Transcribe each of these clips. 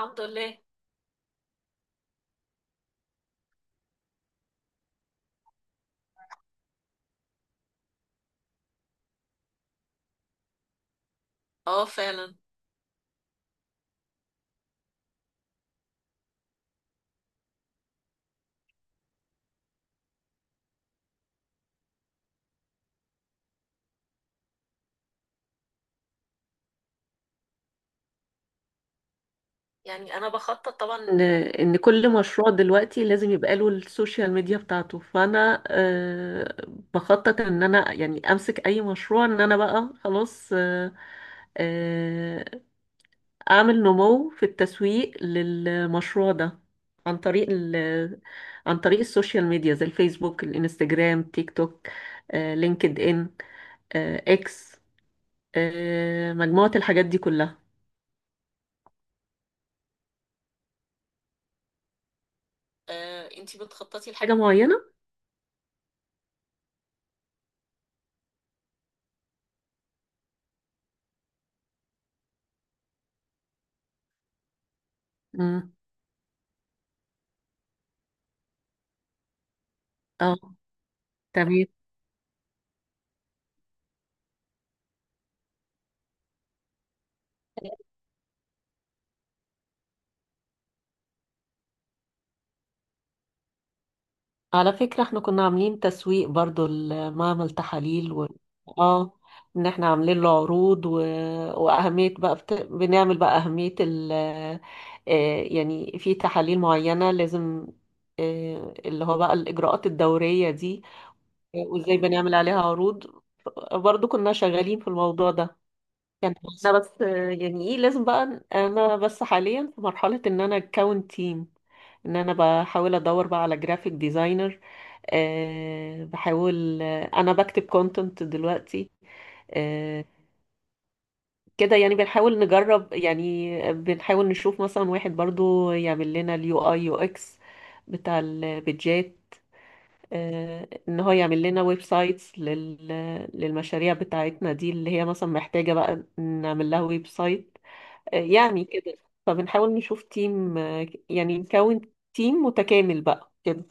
الحمد لله. اه فعلا. يعني انا بخطط طبعا ان كل مشروع دلوقتي لازم يبقى له السوشيال ميديا بتاعته، فانا بخطط ان انا يعني امسك اي مشروع، ان انا بقى خلاص، آه، اعمل نمو في التسويق للمشروع ده عن طريق عن طريق السوشيال ميديا زي الفيسبوك، الانستجرام، تيك توك، لينكد ان، اكس، مجموعة الحاجات دي كلها. انتي بتخططي لحاجة معينة؟ امم. اه. تمام. على فكرة، احنا كنا عاملين تسويق برضو لمعمل تحاليل. اه، ان احنا عاملين له عروض، واهمية بقى بنعمل بقى اهمية يعني في تحاليل معينة لازم، اللي هو بقى الاجراءات الدورية دي، وازاي بنعمل عليها عروض. برضو كنا شغالين في الموضوع ده. كان احنا بس، يعني ايه لازم بقى، انا بس حاليا في مرحلة ان انا اكون تيم، ان انا بحاول ادور بقى على جرافيك ديزاينر. بحاول، انا بكتب كونتنت دلوقتي. أه كده يعني، بنحاول نجرب، يعني بنحاول نشوف مثلا واحد برضو يعمل لنا اليو اي يو اكس بتاع البيدجات، ان هو يعمل لنا ويب سايتس للمشاريع بتاعتنا دي اللي هي مثلا محتاجة بقى نعمل لها ويب سايت. يعني كده، فبنحاول نشوف تيم، يعني نكون تيم متكامل بقى كده.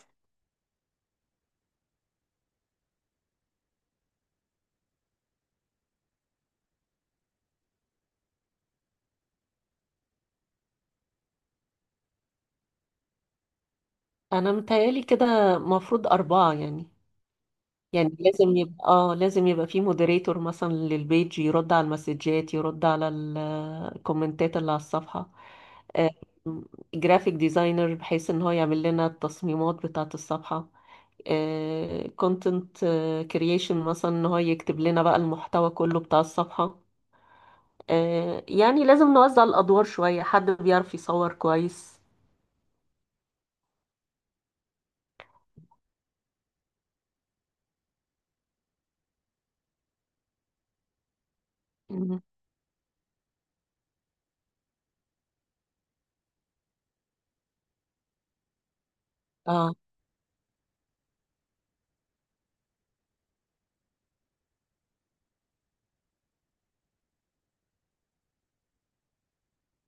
انا متهيالي كده مفروض اربعة يعني. يعني لازم يبقى، اه، لازم يبقى في مودريتور مثلا للبيج، يرد على المسجات، يرد على الكومنتات اللي على الصفحة، آه، جرافيك ديزاينر بحيث ان هو يعمل لنا التصميمات بتاعة الصفحة، كونتنت كرييشن مثلا ان هو يكتب لنا بقى المحتوى كله بتاع الصفحة. يعني لازم نوزع الأدوار شوية. حد بيعرف يصور كويس. مم. اه.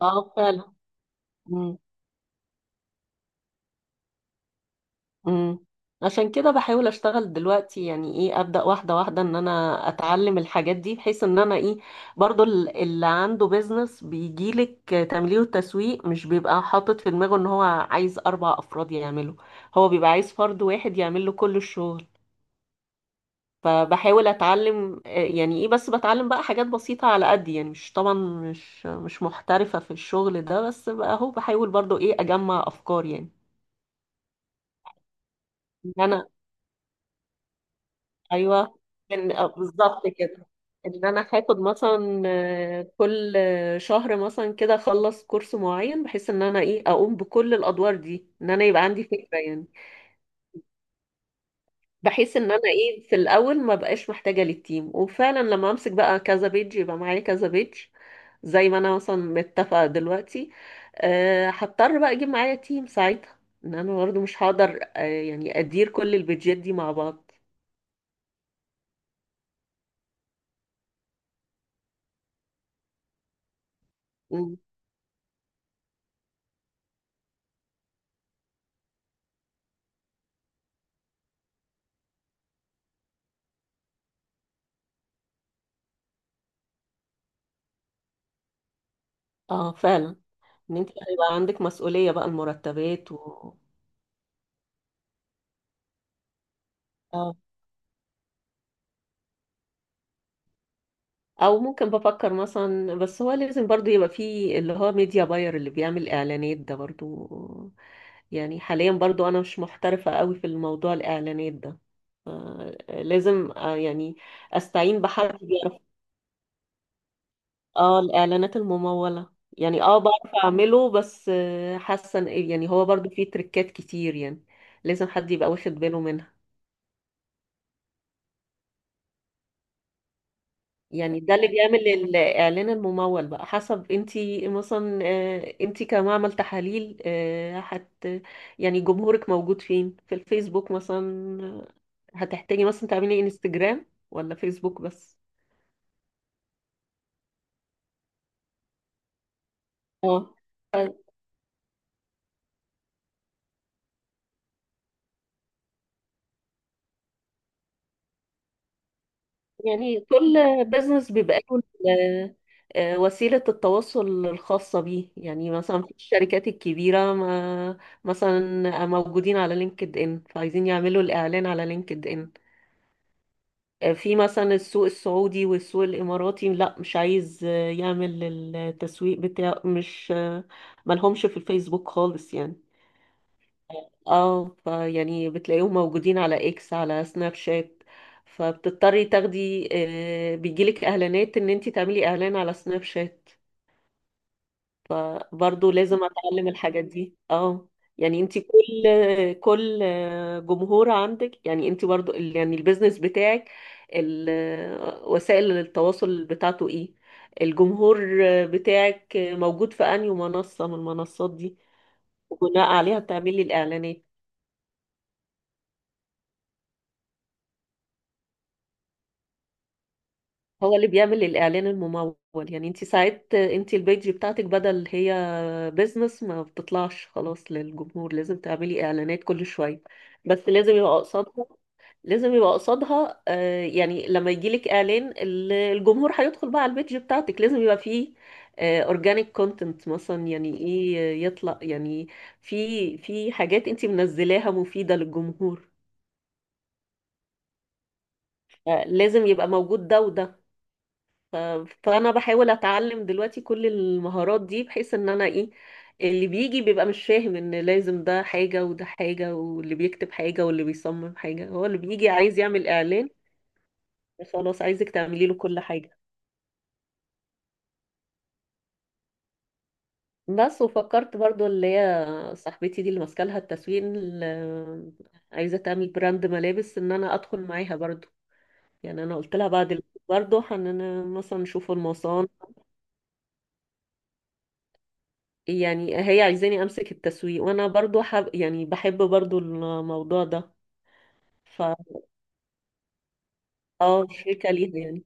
اه فعلا. مم. مم. عشان كده بحاول اشتغل دلوقتي، يعني ايه، ابدا واحده واحده ان انا اتعلم الحاجات دي بحيث ان انا ايه، برضو اللي عنده بيزنس بيجيلك تمليه وتسويق مش بيبقى حاطط في دماغه ان هو عايز اربع افراد يعمله، هو بيبقى عايز فرد واحد يعمل له كل الشغل. فبحاول اتعلم، يعني ايه، بس بتعلم بقى حاجات بسيطة على قد يعني، مش طبعا، مش محترفة في الشغل ده، بس بقى اهو، بحاول برضو ايه اجمع افكار يعني. ان انا ايوه بالظبط كده. ان انا هاخد مثلا، كل شهر مثلا كده اخلص كورس معين بحيث ان انا ايه اقوم بكل الادوار دي، ان انا يبقى عندي فكرة يعني. بحيث ان انا ايه في الاول ما بقاش محتاجة للتيم، وفعلا لما امسك بقى كذا بيج، يبقى معايا كذا بيج زي ما انا مثلا متفقة دلوقتي. أه هضطر بقى اجيب معايا تيم ساعتها، ان انا برضه مش هقدر يعني ادير كل البيجات دي مع بعض. مم. اه فعلا. ان انت هيبقى عندك مسؤولية بقى المرتبات. اه. او ممكن بفكر مثلا، بس هو لازم برضو يبقى فيه اللي هو ميديا باير اللي بيعمل اعلانات ده، برضو يعني حاليا برضو انا مش محترفة قوي في الموضوع الاعلانات ده. لازم، يعني استعين بحد بيعرف. اه، الاعلانات الممولة. يعني اه بعرف اعمله، بس حاسة يعني هو برضو فيه تريكات كتير يعني، لازم حد يبقى واخد باله منها. يعني ده اللي بيعمل الإعلان الممول بقى حسب، انتي مثلا انتي كمعمل تحاليل، آه، هت يعني جمهورك موجود فين، في الفيسبوك مثلا، آه، هتحتاجي مثلا تعملي انستجرام ولا فيسبوك بس. اه. آه، يعني كل بزنس بيبقى له وسيلة التواصل الخاصة بيه. يعني مثلا في الشركات الكبيرة، ما مثلا موجودين على لينكد ان، فعايزين يعملوا الإعلان على لينكد ان. في مثلا السوق السعودي والسوق الإماراتي، لا مش عايز يعمل التسويق بتاعه، مش ملهمش في الفيسبوك خالص يعني. اه، فيعني بتلاقيهم موجودين على اكس، على سناب شات، فبتضطري تاخدي، بيجيلك اعلانات ان انت تعملي اعلان على سناب شات. فبرضه لازم اتعلم الحاجات دي. اه. يعني انت كل، كل جمهور عندك، يعني انت برضه يعني البيزنس بتاعك، ال- وسائل التواصل بتاعته ايه، الجمهور بتاعك موجود في انهي منصة من المنصات دي، وبناء عليها بتعملي الاعلانات. هو اللي بيعمل الاعلان الممول. يعني انت ساعات انت البيج بتاعتك بدل هي بيزنس ما بتطلعش خلاص للجمهور، لازم تعملي اعلانات كل شوية. بس لازم يبقى قصادها، لازم يبقى قصادها، يعني لما يجيلك اعلان الجمهور هيدخل بقى على البيج بتاعتك، لازم يبقى فيه اورجانيك كونتنت مثلا. يعني ايه، يطلع يعني في حاجات انت منزلاها مفيدة للجمهور. لازم يبقى موجود ده وده. ف- فانا بحاول اتعلم دلوقتي كل المهارات دي بحيث ان انا ايه، اللي بيجي بيبقى مش فاهم ان لازم ده حاجة وده حاجة، واللي بيكتب حاجة واللي بيصمم حاجة، هو اللي بيجي عايز يعمل اعلان، خلاص عايزك تعملي له كل حاجة. بس وفكرت برضو اللي هي صاحبتي دي اللي ماسكه لها التسويق، اللي عايزه تعمل براند ملابس، ان انا ادخل معاها برضو. يعني انا قلت لها بعد برضو هننا مثلا نشوف يعني هي عايزاني امسك التسويق، وانا برضو يعني بحب برضو الموضوع ده. ف اه، شركه ليها يعني.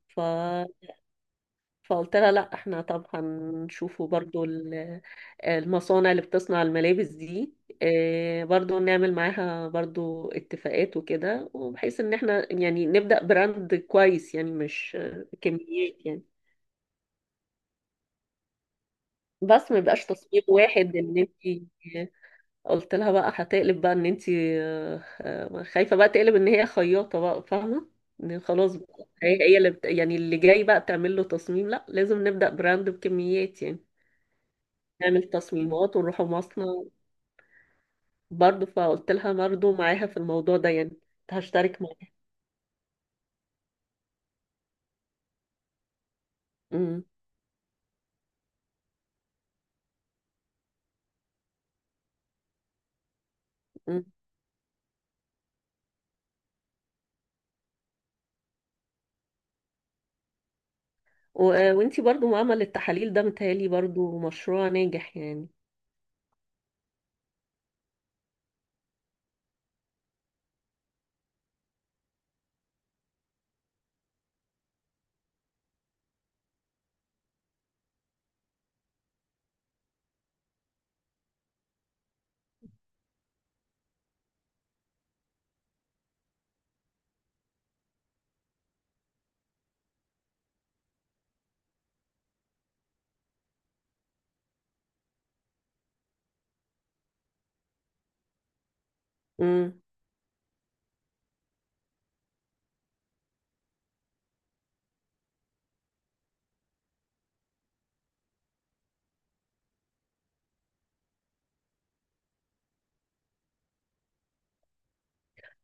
فقلت لها لا، احنا طب هنشوفوا برضو المصانع اللي بتصنع الملابس دي، برضو نعمل معاها برضو اتفاقات وكده، وبحيث ان احنا يعني نبدأ براند كويس يعني، مش كميات يعني. بس ما يبقاش تصميم واحد ان انت. قلت لها بقى هتقلب بقى ان انت خايفة بقى تقلب ان هي خياطة بقى فاهمة ان خلاص، بقى هي اللي يعني اللي جاي بقى تعمل له تصميم، لا لازم نبدأ براند بكميات يعني. نعمل تصميمات ونروح مصنع. برضه فقلت لها برضه معاها في الموضوع ده يعني. هشترك معاك. امم. أمم. وانتي برضه معمل التحاليل ده متهيألي برضه مشروع ناجح يعني. امم.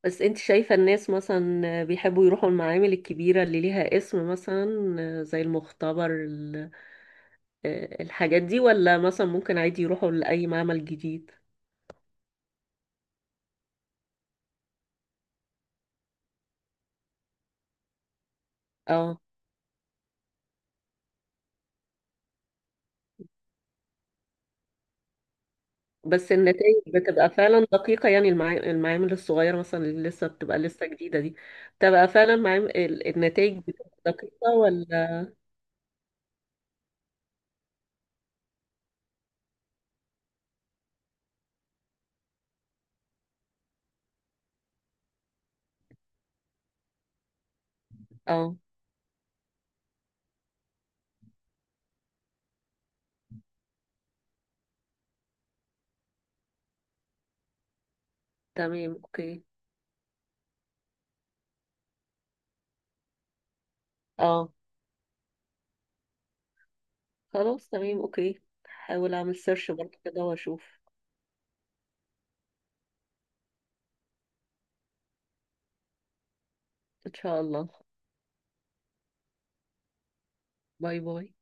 بس انت شايفة الناس مثلا بيحبوا يروحوا المعامل الكبيرة اللي ليها اسم مثلا زي المختبر الحاجات دي، ولا مثلا ممكن عادي يروحوا لأي معمل جديد؟ بس النتائج بتبقى فعلا دقيقة يعني، المعامل الصغيرة مثلا اللي لسه بتبقى لسه جديدة دي، بتبقى فعلا النتائج بتبقى دقيقة، ولا؟ اه. تمام، اوكي. اه. خلاص، تمام اوكي. هحاول اعمل سيرش برضه كده واشوف. ان شاء الله. باي باي.